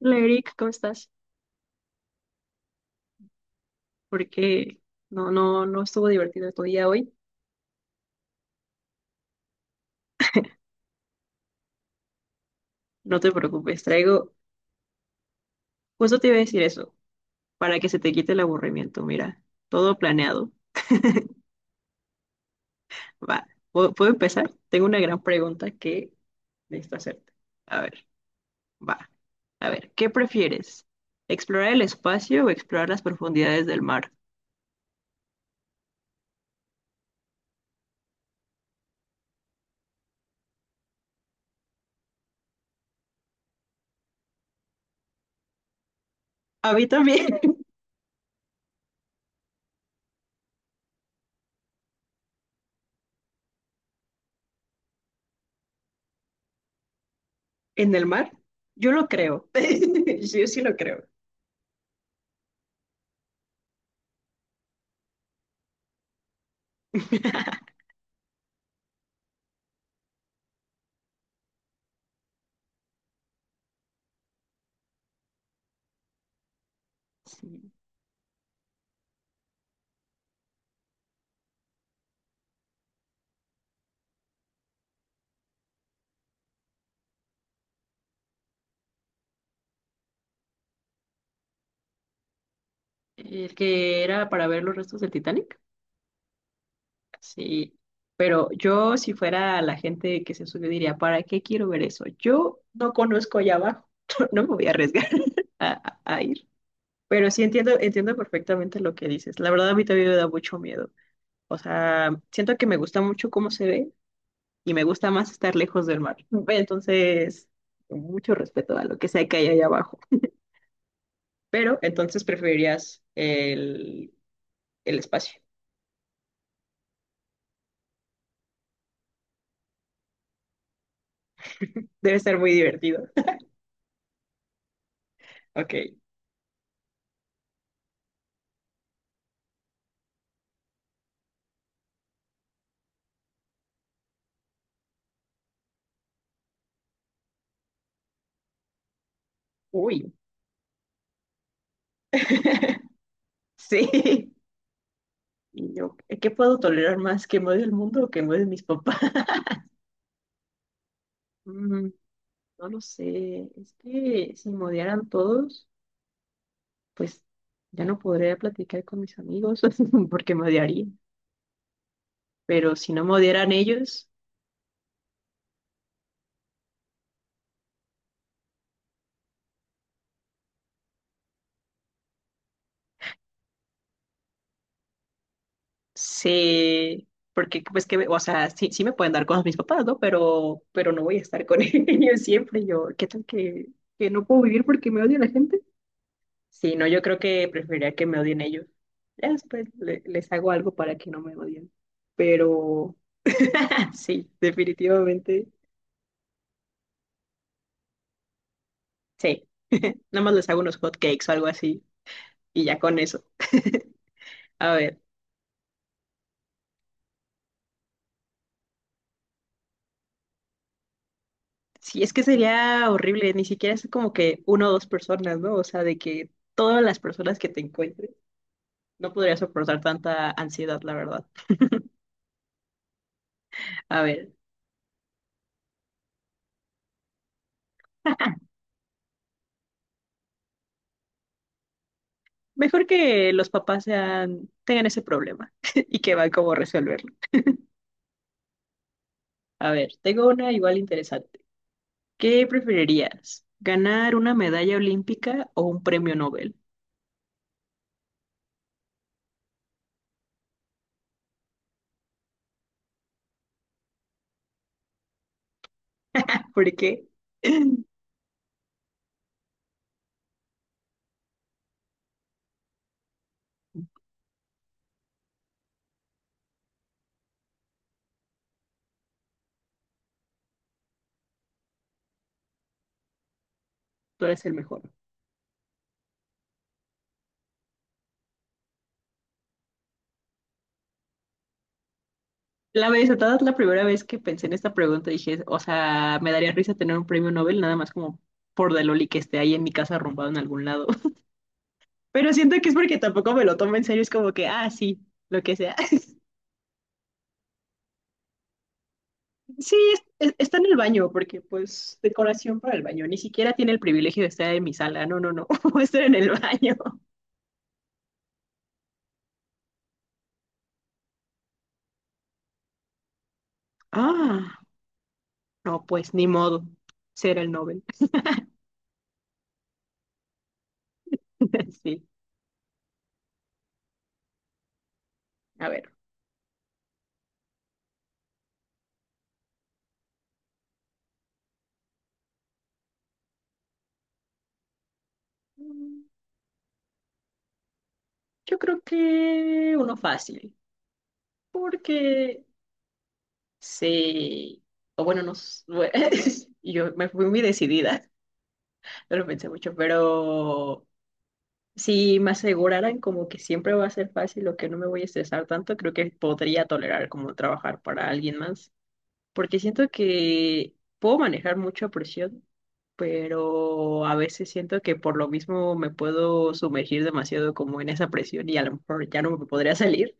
Hola Eric, ¿cómo estás? Porque no estuvo divertido tu día hoy. No te preocupes, traigo, justo te iba a decir eso, para que se te quite el aburrimiento. Mira, todo planeado. Va, ¿puedo empezar? Tengo una gran pregunta que necesito hacerte. A ver, va, a ver, ¿qué prefieres? ¿Explorar el espacio o explorar las profundidades del mar? A mí también, en el mar, yo lo creo. Yo sí lo creo. Sí. El que era para ver los restos del Titanic. Sí, pero yo si fuera la gente que se subió diría, ¿para qué quiero ver eso? Yo no conozco allá abajo, no me voy a arriesgar a, a ir. Pero sí entiendo, entiendo perfectamente lo que dices. La verdad a mí también me da mucho miedo. O sea, siento que me gusta mucho cómo se ve y me gusta más estar lejos del mar. Entonces, mucho respeto a lo que sea que hay allá abajo. Pero entonces preferirías el espacio. Debe ser muy divertido. Ok. Uy. Sí. Y yo, ¿qué puedo tolerar más? ¿Que me odie el mundo o que me odien mis papás? Mm, no lo sé. Es que si me odiaran todos, pues ya no podría platicar con mis amigos porque me odiarían. Pero si no me odiaran ellos, sé. Porque, pues que, o sea, sí, sí me pueden dar cosas mis papás, ¿no? Pero no voy a estar con ellos siempre. Yo, ¿qué tal que no puedo vivir porque me odia la gente? Sí, no, yo creo que preferiría que me odien ellos. Ya después les hago algo para que no me odien. Pero sí, definitivamente. Sí, nada más les hago unos hot cakes o algo así y ya con eso. A ver, sí, es que sería horrible, ni siquiera es como que una o dos personas, ¿no? O sea, de que todas las personas que te encuentres, no podría soportar tanta ansiedad, la verdad. A ver, mejor que los papás sean, tengan ese problema y que van cómo resolverlo. A ver, tengo una igual interesante. ¿Qué preferirías? ¿Ganar una medalla olímpica o un premio Nobel? ¿Por qué? tú eres el mejor. La verdad, la primera vez que pensé en esta pregunta dije, o sea, me daría risa tener un premio Nobel nada más como por de loli que esté ahí en mi casa arrumbado en algún lado. Pero siento que es porque tampoco me lo tomo en serio, es como que, ah, sí, lo que sea. Sí, está en el baño, porque pues decoración para el baño, ni siquiera tiene el privilegio de estar en mi sala, no, no, no, va a estar en el baño. Ah, no, pues ni modo. Ser el Nobel. Sí. A ver. Mm, yo creo que uno fácil. Porque sí. O bueno, no. Yo me fui muy decidida. No lo pensé mucho. Pero si me aseguraran como que siempre va a ser fácil o que no me voy a estresar tanto, creo que podría tolerar como trabajar para alguien más. Porque siento que puedo manejar mucha presión, pero a veces siento que por lo mismo me puedo sumergir demasiado como en esa presión y a lo mejor ya no me podría salir.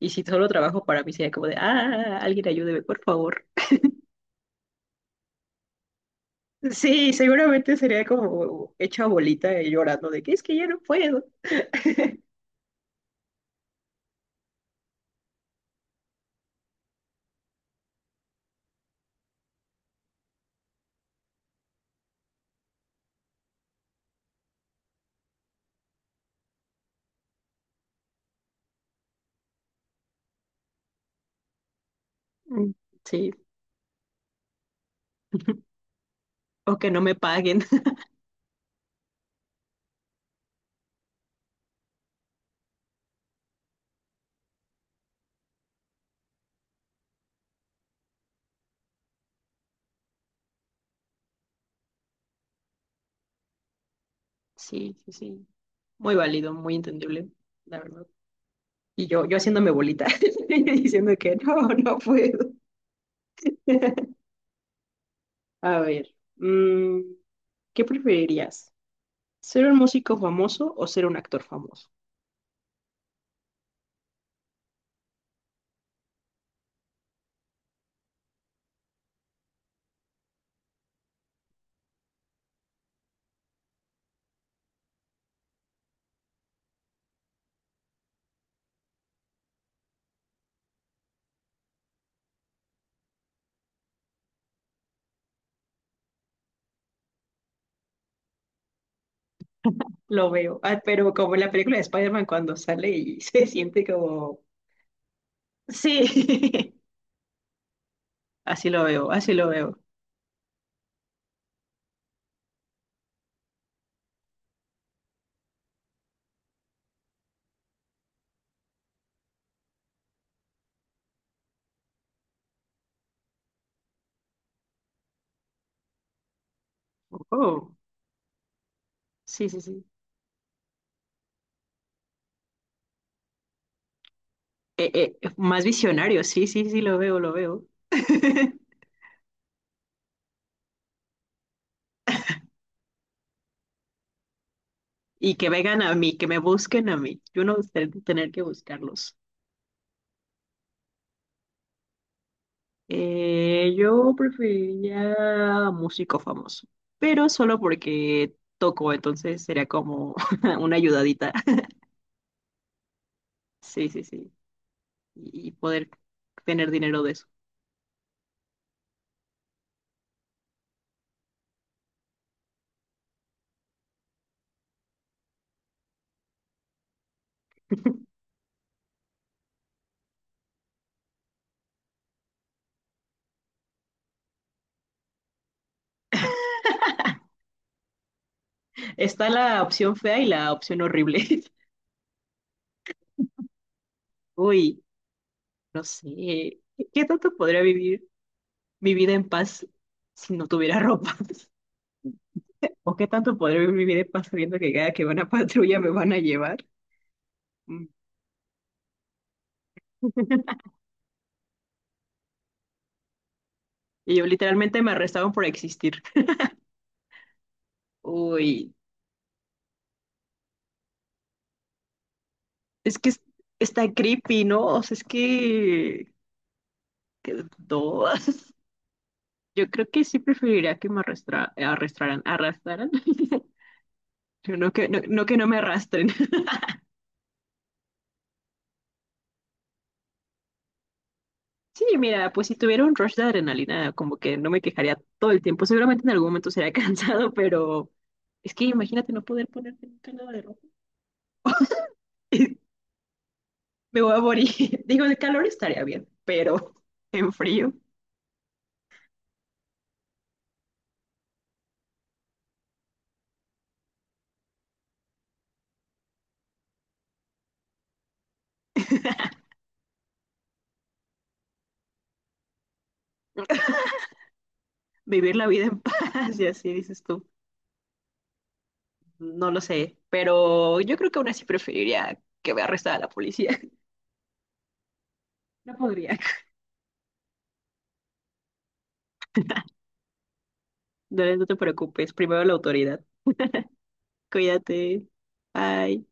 Y si solo trabajo para mí sería como de, ah, alguien ayúdeme, por favor. Sí, seguramente sería como hecha bolita y llorando de que es que ya no puedo. Mm, sí, o que no me paguen. Sí, sí, sí. Muy válido, muy entendible, la verdad. Y yo haciéndome bolita y diciendo que no, no puedo. A ver, ¿qué preferirías? ¿Ser un músico famoso o ser un actor famoso? Lo veo. Ah, pero como en la película de Spider-Man cuando sale y se siente como... Sí, así lo veo, así lo veo. Oh, sí, sí, sí. Más visionario, sí, sí, sí, lo veo, lo veo. Y que vengan a mí, que me busquen a mí. Yo no tener que buscarlos. Yo preferiría músico famoso, pero solo porque toco, entonces sería como una ayudadita. Sí, sí, sí. Y poder tener dinero de eso. Está la opción fea y la opción horrible. Uy, no sé. ¿Qué tanto podría vivir mi vida en paz si no tuviera ropa? ¿O qué tanto podría vivir mi vida en paz sabiendo que cada que van a patrulla me van a llevar? Mm. Y yo literalmente me arrestaban por existir. Uy, es que está creepy, ¿no? O sea, es que no. Yo creo que sí preferiría que me arrastraran, arrastraran. No que no, no que no me arrastren. Sí, mira, pues si tuviera un rush de adrenalina, como que no me quejaría todo el tiempo. Seguramente en algún momento sería cansado, pero es que imagínate no poder ponerte nunca nada de ropa. Me voy a morir. Digo, de calor estaría bien, pero en frío, vivir la vida en paz y así dices tú. No lo sé, pero yo creo que aún así preferiría que me arrestara la policía. No podría. No, no te preocupes, primero la autoridad. Cuídate. Bye.